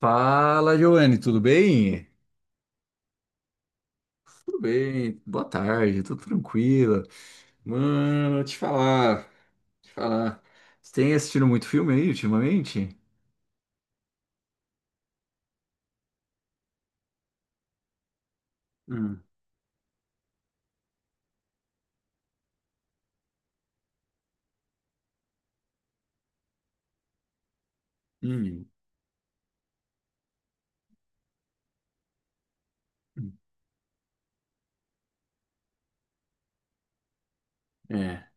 Fala, Giovanni, tudo bem? Tudo bem, boa tarde, tudo tranquilo. Mano, te falar. Você tem assistido muito filme aí ultimamente? Hum, hum, hum. É.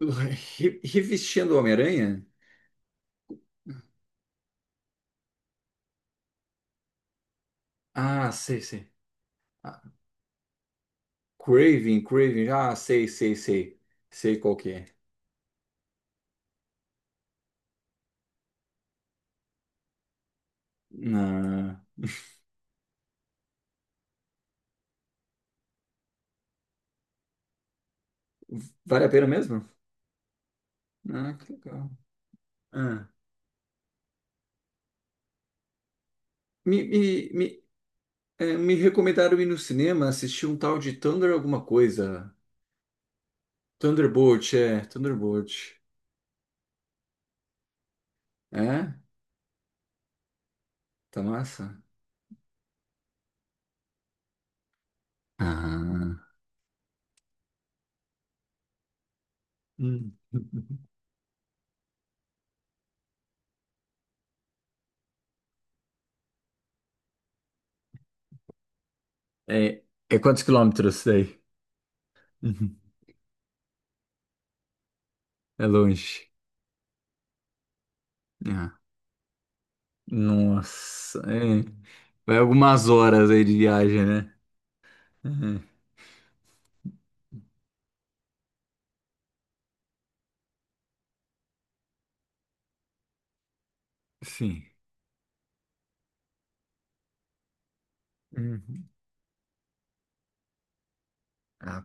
Revestindo o Homem-Aranha? Ah, sei, sei. Ah, Craven, sei, sei, sei. Sei qual que é. Ah, vale a pena mesmo? Ah, que legal. Ah. Me, me, me, É, me recomendaram ir no cinema assistir um tal de Thunder alguma coisa. Thunderbolt. É? Tá massa? Ah. Hum. É, é quantos quilômetros daí? Uhum. É longe. Ah, nossa. É. Vai algumas horas aí de viagem, né? Uhum. Sim. Uhum. Ah,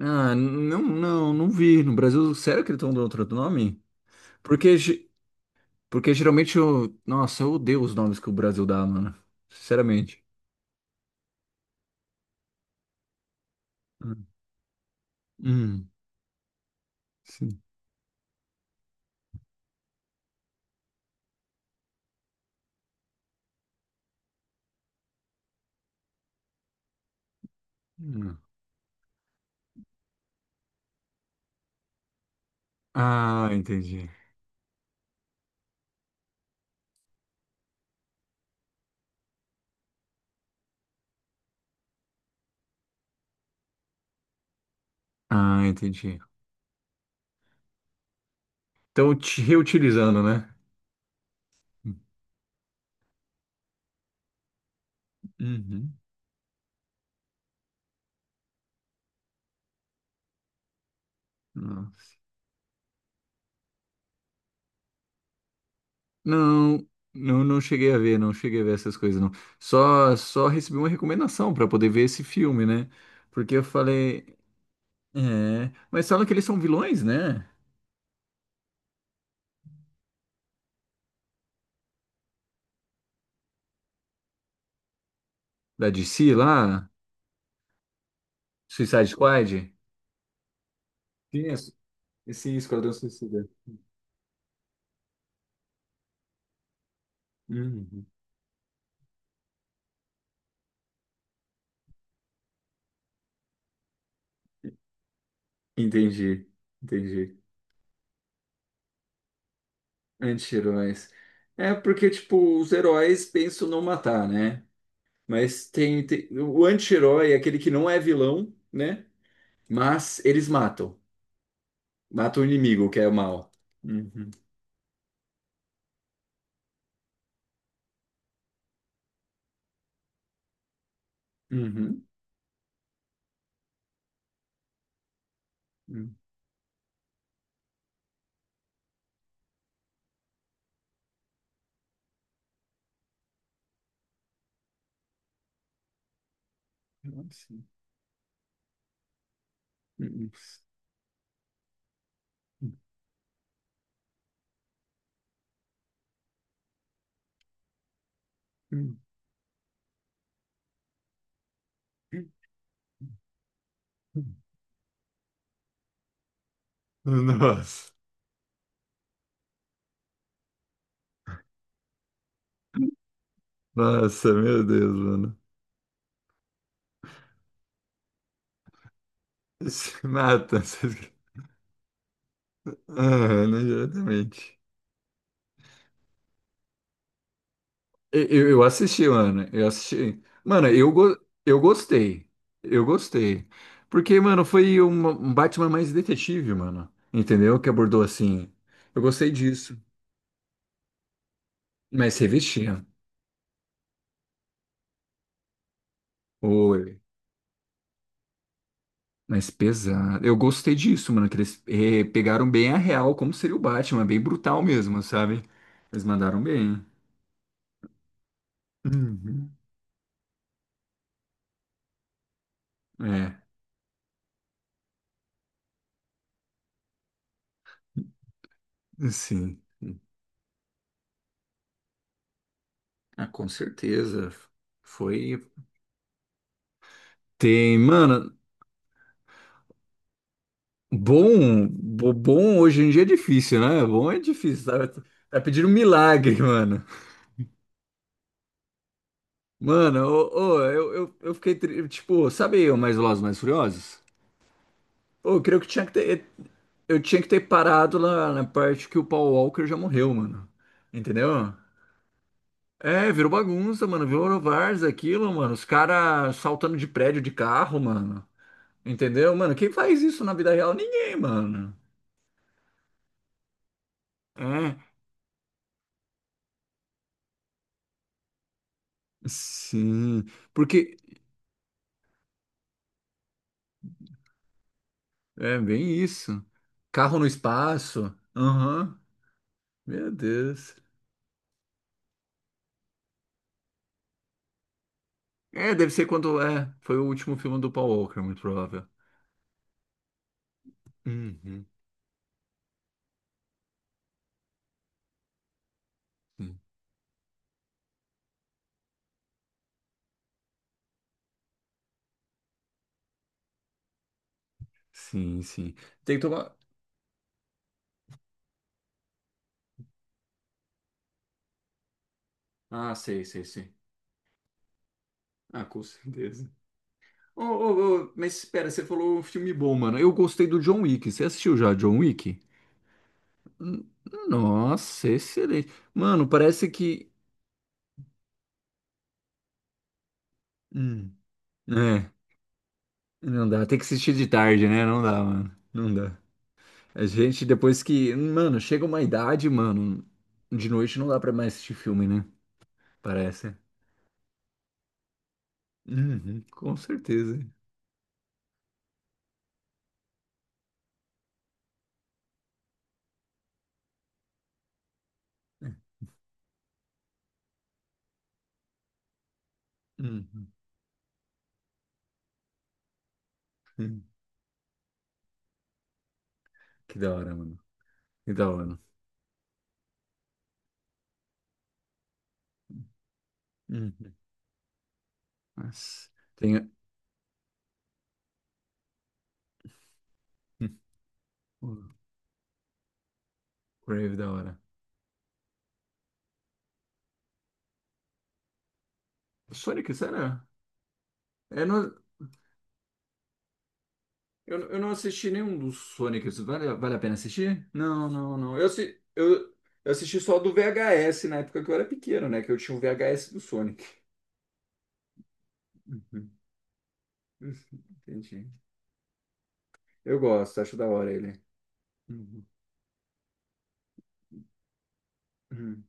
não, não vi. No Brasil, sério que eles estão dando outro nome? Porque ge- Porque geralmente eu. Nossa, eu odeio os nomes que o Brasil dá, mano. Sinceramente. Hum. Hum, sim. Hum. Ah, entendi. Ah, entendi. Então, te reutilizando, né? Uhum. Nossa. Não, não cheguei a ver, não cheguei a ver essas coisas, não. Só recebi uma recomendação pra poder ver esse filme, né? Porque eu falei, é, mas falam que eles são vilões, né? Da DC lá, Suicide Squad. Sim, é su- sim, Esquadrão Suicida. Uhum. Entendi, entendi. Anti-heróis. É porque, tipo, os heróis pensam não matar, né? Mas o anti-herói é aquele que não é vilão, né? Mas eles matam. Matam o inimigo, que é o mal. Uhum. Uhum. Uhum. Nossa. Uhum. Uhum. Nossa, nossa, meu Deus, mano. Se mata. Aham, né, exatamente. Eu assisti, mano. Eu assisti. Mano, eu gostei. Eu gostei. Porque, mano, um Batman mais detetive, mano. Entendeu? Que abordou assim. Eu gostei disso. Mas revestia. Oi. Mas pesado. Eu gostei disso, mano. Que eles pegaram bem a real, como seria o Batman. Bem brutal mesmo, sabe? Eles mandaram bem. Uhum. É, sim. Ah, com certeza. Foi. Tem, mano. Bom hoje em dia é difícil, né? Bom é difícil, sabe? Tá pedindo um milagre, mano. Mano, eu, eu fiquei, tipo, sabe o Mais Velozes e Mais Furiosos? Ô, eu creio que eu tinha que ter parado lá na parte que o Paul Walker já morreu, mano. Entendeu? É, virou bagunça, mano. Virou várzea aquilo, mano. Os caras saltando de prédio de carro, mano. Entendeu? Mano, quem faz isso na vida real? Ninguém, mano. É, sim. Porque É bem isso. Carro no espaço. Aham. Meu Deus. É, deve ser quando. É, foi o último filme do Paul Walker, muito provável. Uhum. Sim. Sim, sim. Tem que tomar. Ah, sei, sei, sei. Ah, com certeza. Mas espera, você falou um filme bom, mano. Eu gostei do John Wick. Você assistiu já John Wick? Hum, Nossa, excelente. Mano, parece que. Hum. É, não dá. Tem que assistir de tarde, né? Não dá, mano. Não dá. A gente, depois que. Mano, chega uma idade, mano. De noite não dá pra mais assistir filme, né? Parece. Uhum, com certeza. Uhum, uhum. Que da hora, mano. Que da hora. Uhum. Nossa. Tem. O Crave da hora. Sonic, será? É, eu não assisti nenhum dos Sonics. Vale a pena assistir? Não, não, não. Eu assisti só do VHS na época que eu era pequeno, né? Que eu tinha o VHS do Sonic. Uhum. Entendi. Eu gosto, acho da hora ele. Uhum, uhum,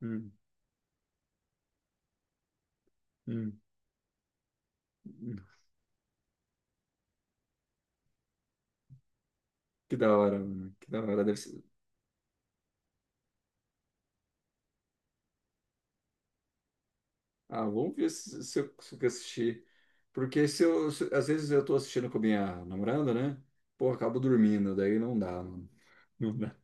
uhum, uhum. Que da hora, mano. Que da hora. Deve ser... Ah, vamos ver se eu consigo assistir. Porque se eu, se- às vezes eu tô assistindo com a minha namorada, né? Pô, acabo dormindo, daí não dá, mano. Não dá.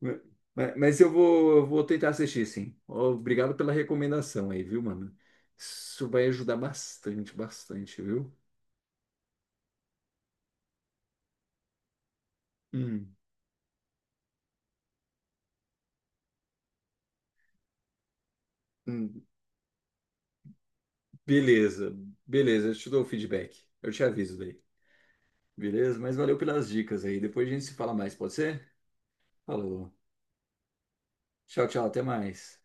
Ma- Mas, eu vou tentar assistir, sim. Obrigado pela recomendação aí, viu, mano? Isso vai ajudar bastante, bastante, viu? Hum, hum. Beleza, beleza. Eu te dou o feedback. Eu te aviso daí. Beleza? Mas valeu pelas dicas aí. Depois a gente se fala mais, pode ser? Falou. Tchau, tchau. Até mais.